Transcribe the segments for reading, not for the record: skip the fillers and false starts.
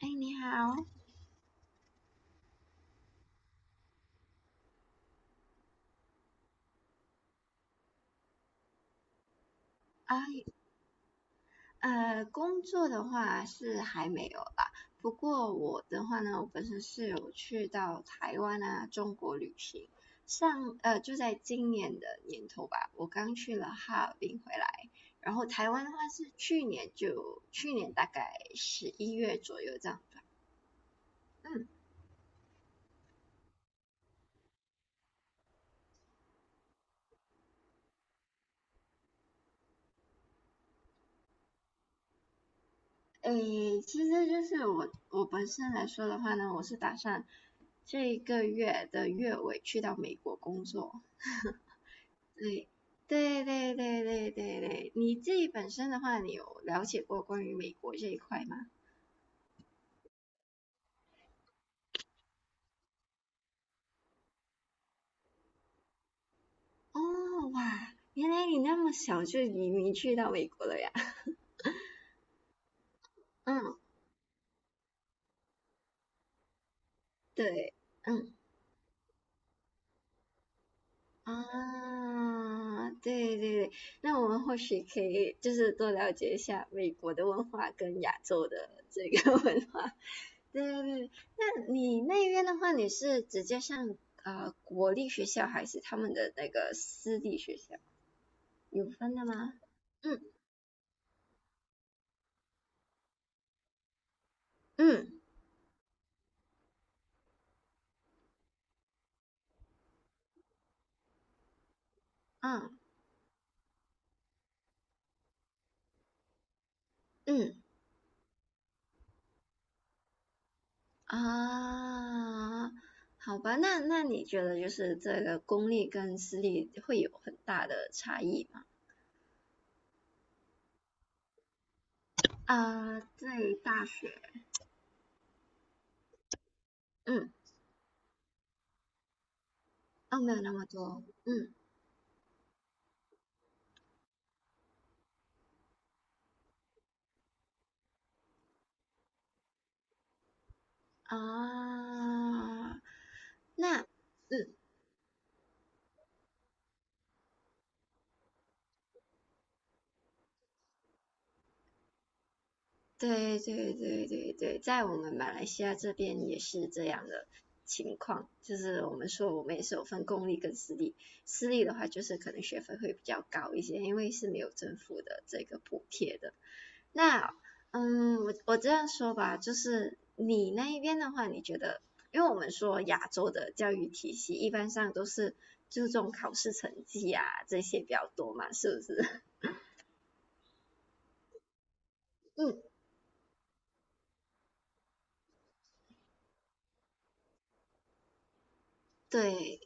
哎，你好啊，工作的话是还没有啦。不过我的话呢，我本身是有去到台湾啊、中国旅行。就在今年的年头吧，我刚去了哈尔滨回来。然后台湾的话是去年大概11月左右这样吧。嗯，诶，其实就是我本身来说的话呢，我是打算这一个月的月尾去到美国工作。对，对对对对对对，你自己本身的话，你有了解过关于美国这一块吗？哦，哇，原来你那么小就移民去到美国了呀？嗯，对，嗯啊，对对对，那我们或许可以就是多了解一下美国的文化跟亚洲的这个 文化。对对对，那你那边的话，你是直接上国立学校还是他们的那个私立学校？有分的吗？嗯，嗯嗯嗯啊，好吧，那你觉得就是这个公立跟私立会有很大的差异吗？啊，在大学，嗯，哦，没有那么多，嗯啊，那嗯对对对对对，在我们马来西亚这边也是这样的情况，就是我们说我们也是有分公立跟私立，私立的话就是可能学费会比较高一些，因为是没有政府的这个补贴的。那嗯，我这样说吧，就是你那一边的话，你觉得，因为我们说亚洲的教育体系一般上都是注重考试成绩啊这些比较多嘛，是不是？嗯，对，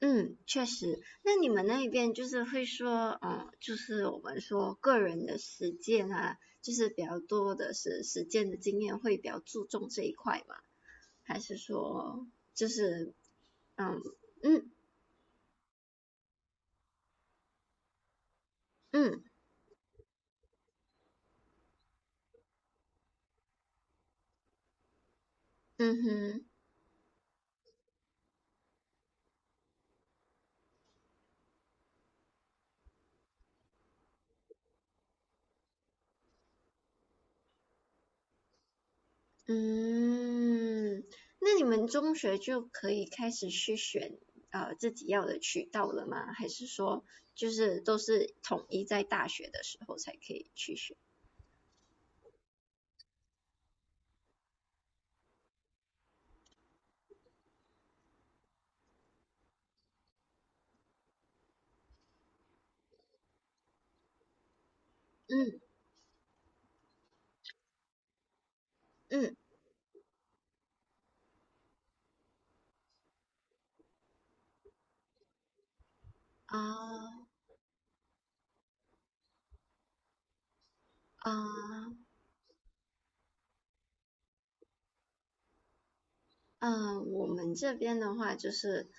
嗯，确实。那你们那一边就是会说，嗯，就是我们说个人的实践啊，就是比较多的是实践的经验，会比较注重这一块嘛？还是说，就是嗯嗯嗯嗯哼嗯，那你们中学就可以开始去选自己要的渠道了吗？还是说就是都是统一在大学的时候才可以去选？嗯嗯啊啊，嗯，我们这边的话就是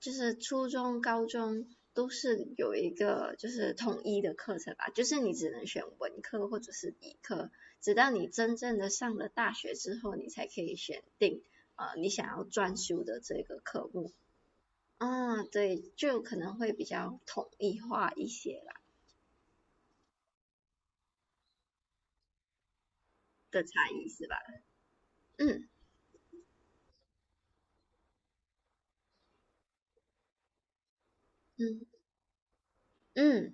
就是初中、高中都是有一个就是统一的课程吧，就是你只能选文科或者是理科，直到你真正的上了大学之后，你才可以选定你想要专修的这个科目。啊，对，就可能会比较统一化一些啦的差异是吧？嗯嗯嗯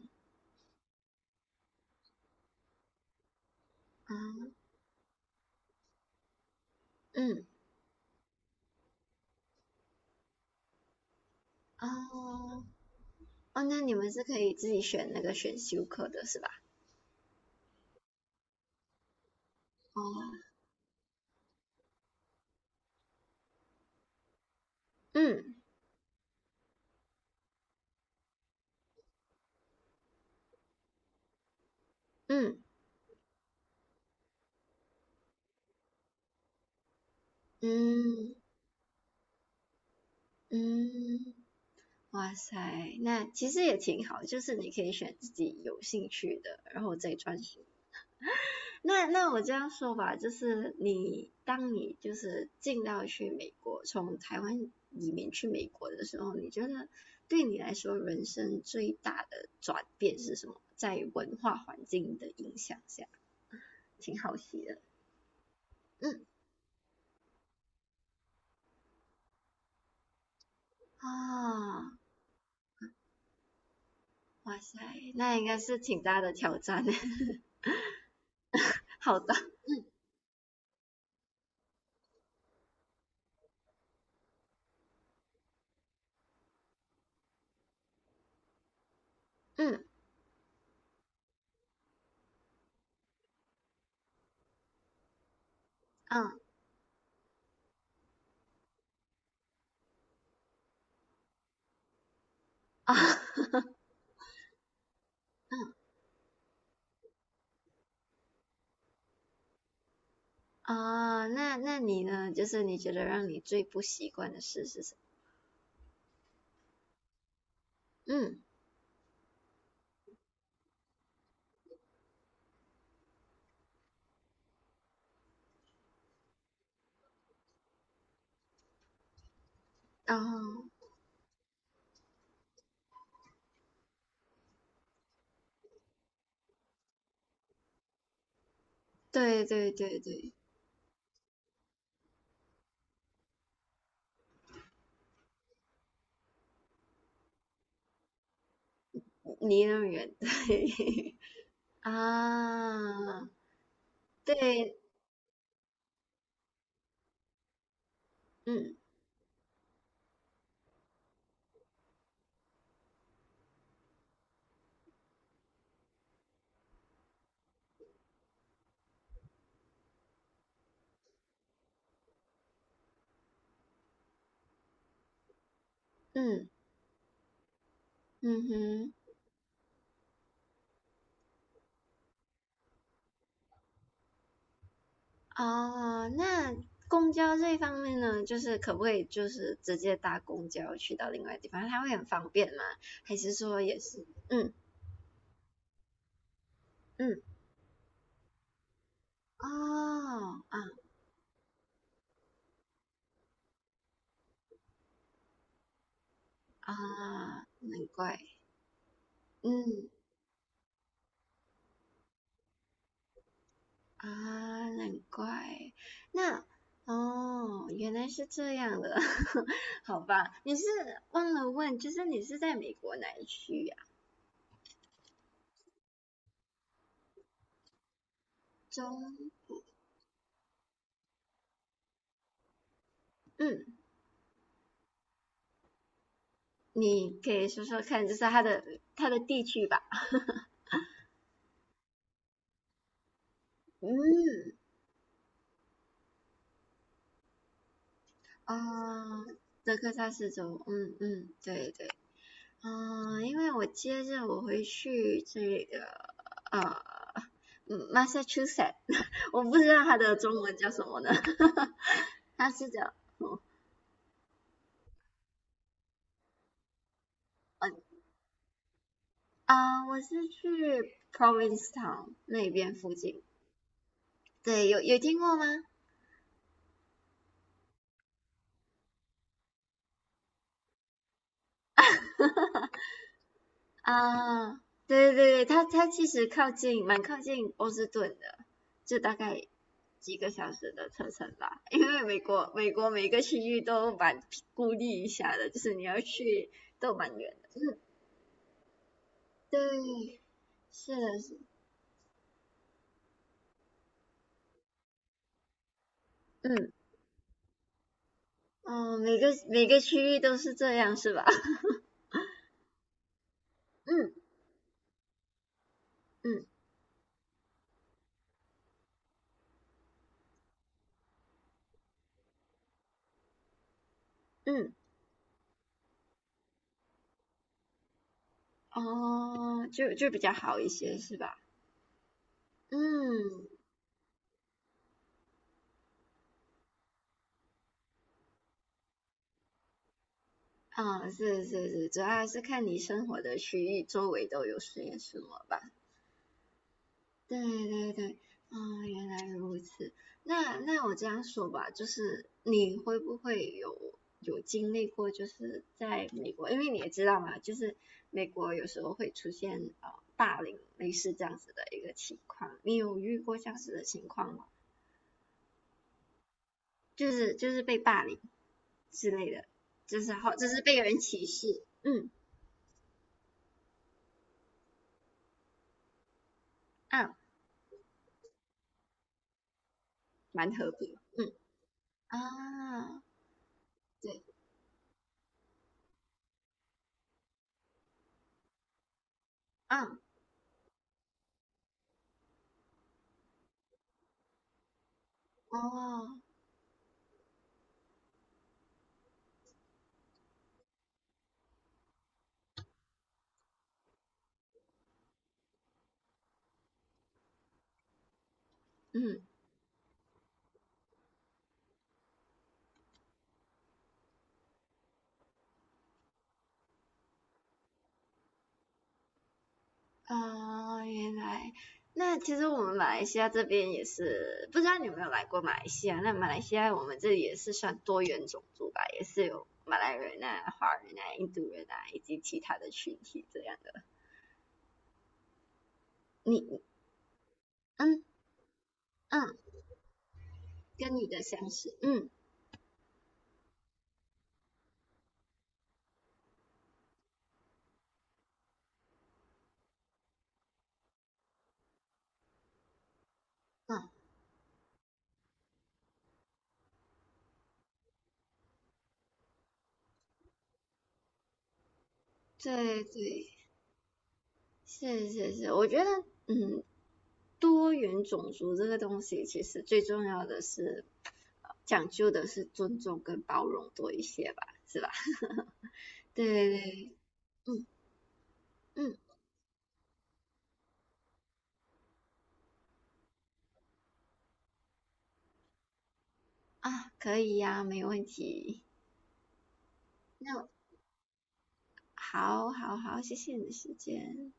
啊嗯啊。哦哦，那你们是可以自己选那个选修课的是吧？哦，嗯嗯嗯嗯，哇塞，那其实也挺好，就是你可以选自己有兴趣的，然后再专心。那我这样说吧，就是你当你就是进到去美国，从台湾移民去美国的时候，你觉得对你来说人生最大的转变是什么？在文化环境的影响下，挺好奇的。嗯啊，哇塞，那应该是挺大的挑战，好的，嗯嗯啊啊，哦那你呢？就是你觉得让你最不习惯的事是什么？嗯，哦，对对对对，离那么远，对 啊，对，嗯嗯嗯哼，哦，那公交这一方面呢，就是可不可以就是直接搭公交去到另外地方？它会很方便吗？还是说也是？嗯嗯。哦，啊啊，难怪，嗯啊，难怪，那哦，原来是这样的，好吧，你是忘了问，就是你是在美国哪一区呀、中，嗯，你可以说说看，就是它的地区吧，嗯，啊、德克萨斯州，嗯嗯，对对。嗯，因为我接着我回去这个呃嗯 Massachusetts,我不知道它的中文叫什么呢，它是叫嗯我是去 Provincetown 那边附近，对，有听过吗？啊，对对对，它其实蛮靠近波士顿的，就大概几个小时的车程吧，因为美国每个区域都蛮孤立一下的，就是你要去都蛮远。对，是的，是的，嗯哦，每个区域都是这样，是吧？嗯嗯嗯，哦，就比较好一些，是吧？嗯，啊，是是是，主要还是看你生活的区域周围都有些什么吧。对对对，啊，原来如此。那我这样说吧，就是你会不会有经历过，就是在美国，因为你也知道嘛，就是美国有时候会出现霸凌类似这样子的一个情况，你有遇过这样子的情况吗？就是被霸凌之类的，就是好，就是被人歧视，嗯啊，蛮和平，嗯啊，对，啊，哦，嗯。啊，原来那其实我们马来西亚这边也是，不知道你有没有来过马来西亚？那马来西亚我们这里也是算多元种族吧，也是有马来人啊、华人啊、印度人啊，以及其他的群体这样的。你嗯嗯，跟你的相似，嗯嗯，对对，是是是，我觉得嗯，多元种族这个东西其实最重要的是。讲究的是尊重跟包容多一些吧，是吧？对对，对嗯，嗯啊，可以呀，没问题。那好，好，好，谢谢你的时间。